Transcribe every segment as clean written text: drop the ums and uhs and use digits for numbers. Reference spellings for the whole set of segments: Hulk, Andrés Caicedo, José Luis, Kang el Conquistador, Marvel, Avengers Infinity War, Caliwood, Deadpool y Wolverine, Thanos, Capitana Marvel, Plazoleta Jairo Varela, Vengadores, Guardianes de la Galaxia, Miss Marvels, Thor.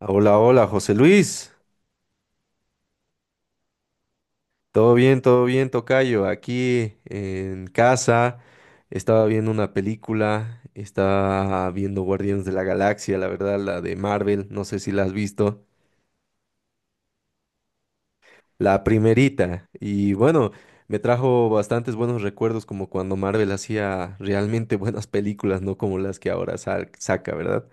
Hola, hola, José Luis. Todo bien, tocayo. Aquí en casa estaba viendo una película, estaba viendo Guardianes de la Galaxia, la verdad, la de Marvel, no sé si la has visto, la primerita. Y bueno, me trajo bastantes buenos recuerdos como cuando Marvel hacía realmente buenas películas, no como las que ahora saca, ¿verdad?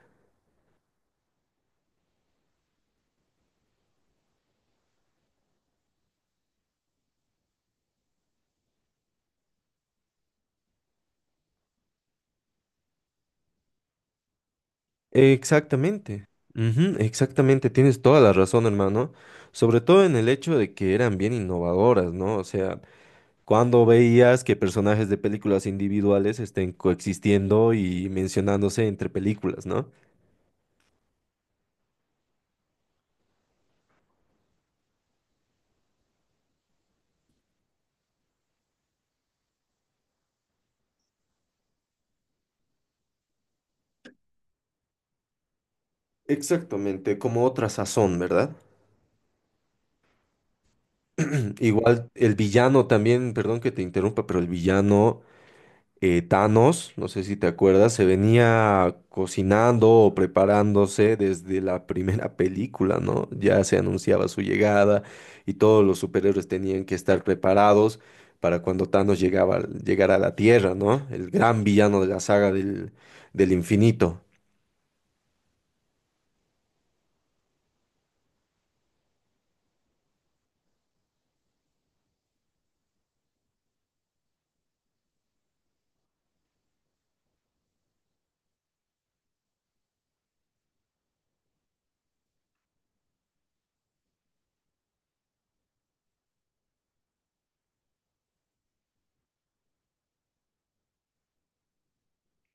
Exactamente, ujú, exactamente, tienes toda la razón, hermano, sobre todo en el hecho de que eran bien innovadoras, ¿no? O sea, cuando veías que personajes de películas individuales estén coexistiendo y mencionándose entre películas, ¿no? Exactamente, como otra sazón, ¿verdad? Igual el villano también, perdón que te interrumpa, pero el villano Thanos, no sé si te acuerdas, se venía cocinando o preparándose desde la primera película, ¿no? Ya se anunciaba su llegada y todos los superhéroes tenían que estar preparados para cuando llegara a la Tierra, ¿no? El gran villano de la saga del infinito.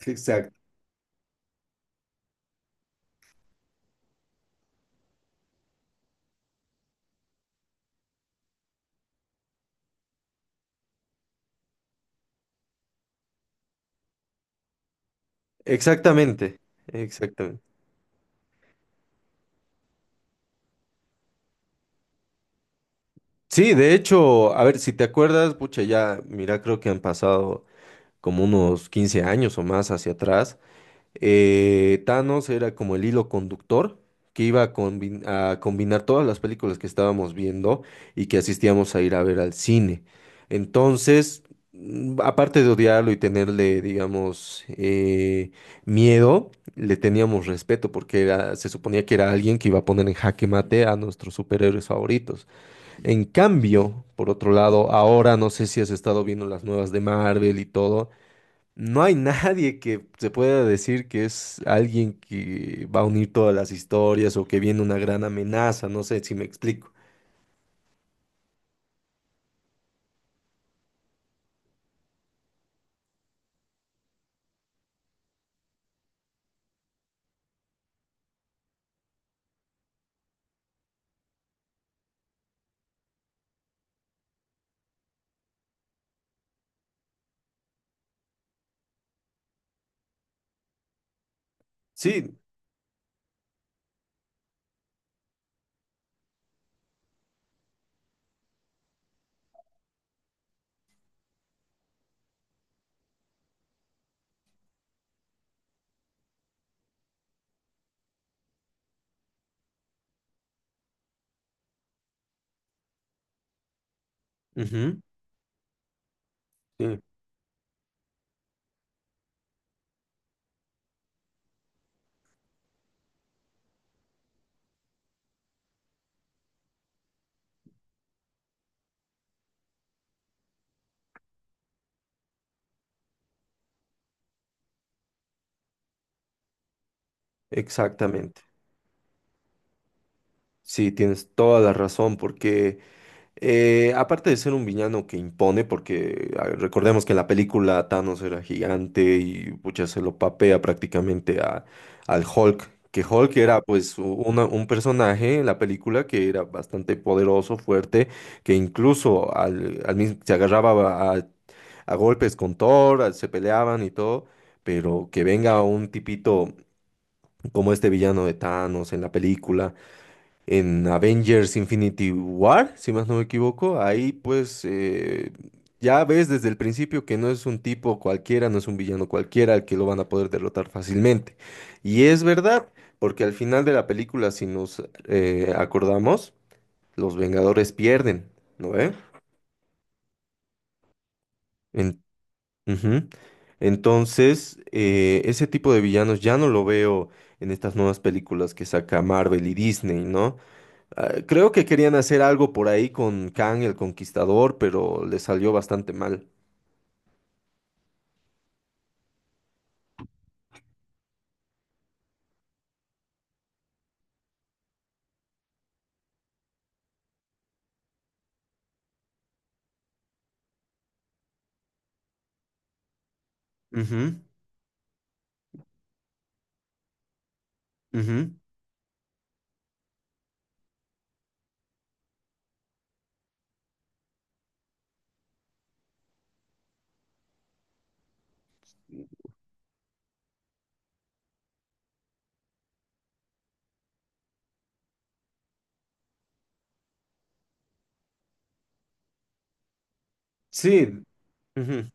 Exacto. Exactamente, exactamente. Sí, de hecho, a ver, si te acuerdas, pucha, ya, mira, creo que han pasado como unos 15 años o más hacia atrás. Thanos era como el hilo conductor que iba a combinar todas las películas que estábamos viendo y que asistíamos a ir a ver al cine. Entonces, aparte de odiarlo y tenerle, digamos, miedo, le teníamos respeto porque se suponía que era alguien que iba a poner en jaque mate a nuestros superhéroes favoritos. En cambio, por otro lado, ahora no sé si has estado viendo las nuevas de Marvel y todo. No hay nadie que se pueda decir que es alguien que va a unir todas las historias o que viene una gran amenaza, no sé si me explico. Sí, ujú, sí, exactamente. Sí, tienes toda la razón, porque eh, aparte de ser un villano que impone, porque a ver, recordemos que en la película Thanos era gigante y pucha, se lo papea prácticamente a, al Hulk, que Hulk era pues un personaje en la película que era bastante poderoso, fuerte, que incluso al mismo, se agarraba a golpes con Thor, se peleaban y todo, pero que venga un tipito como este villano de Thanos en la película en Avengers Infinity War, si más no me equivoco. Ahí pues ya ves desde el principio que no es un tipo cualquiera, no es un villano cualquiera al que lo van a poder derrotar fácilmente. Y es verdad, porque al final de la película, si nos acordamos, los Vengadores pierden, ¿no ve? En- ujú. Entonces, ese tipo de villanos ya no lo veo en estas nuevas películas que saca Marvel y Disney, ¿no? Ah, creo que querían hacer algo por ahí con Kang el Conquistador, pero le salió bastante mal. Ujú, ujú. Sí, ujú,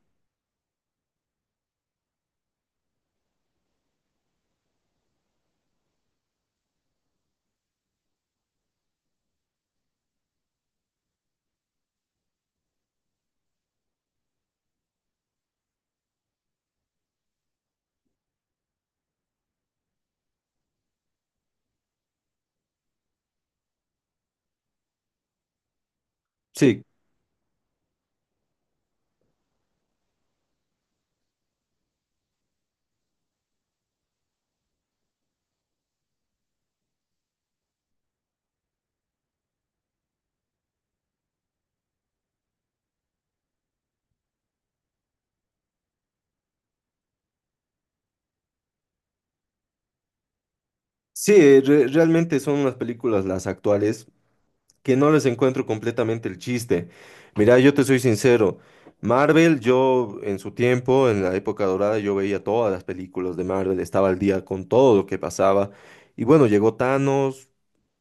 sí, sí, realmente son unas películas las actuales que no les encuentro completamente el chiste. Mira, yo te soy sincero, Marvel, yo en su tiempo, en la época dorada, yo veía todas las películas de Marvel, estaba al día con todo lo que pasaba. Y bueno, llegó Thanos,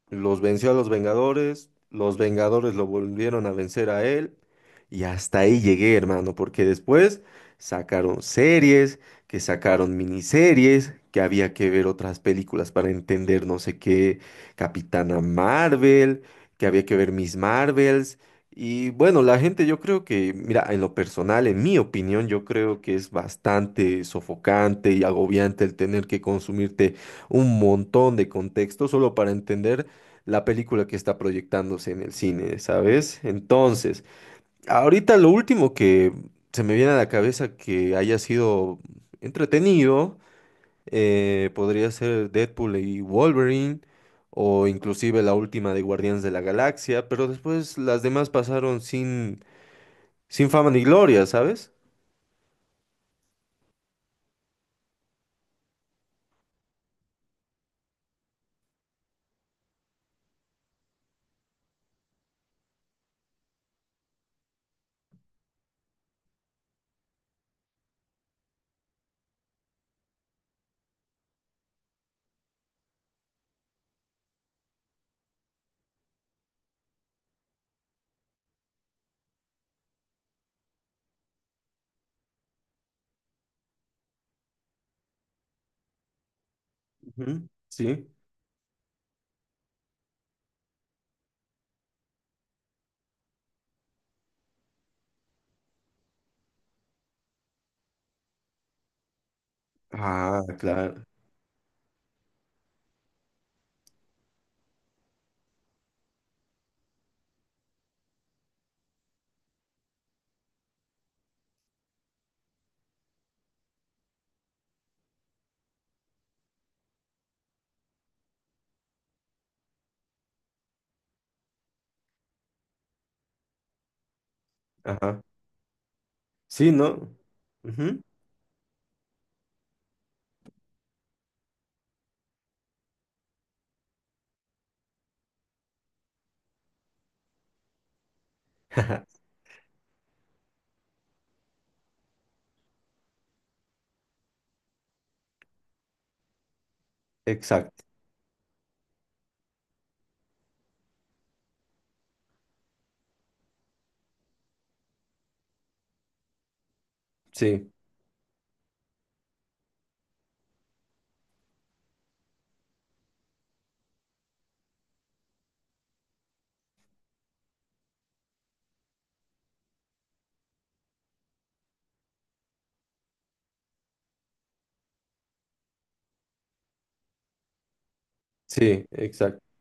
los venció a los Vengadores lo volvieron a vencer a él y hasta ahí llegué, hermano, porque después sacaron series, que sacaron miniseries, que había que ver otras películas para entender no sé qué, Capitana Marvel, que había que ver Miss Marvels y bueno, la gente yo creo que, mira, en lo personal, en mi opinión, yo creo que es bastante sofocante y agobiante el tener que consumirte un montón de contexto solo para entender la película que está proyectándose en el cine, ¿sabes? Entonces, ahorita lo último que se me viene a la cabeza que haya sido entretenido, podría ser Deadpool y Wolverine, o inclusive la última de Guardianes de la Galaxia, pero después las demás pasaron sin, sin fama ni gloria, ¿sabes? Ujú. Sí. Ah, claro. Ajá. Sí, ¿no? Ujú. Exacto. Sí, sí, exacto.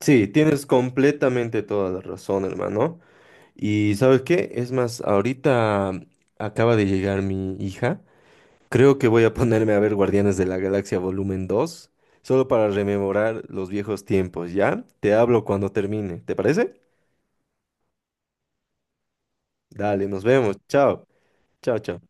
Sí, tienes completamente toda la razón, hermano. Y ¿sabes qué? Es más, ahorita acaba de llegar mi hija. Creo que voy a ponerme a ver Guardianes de la Galaxia Volumen 2, solo para rememorar los viejos tiempos, ¿ya? Te hablo cuando termine, ¿te parece? Dale, nos vemos. Chao. Chao, chao.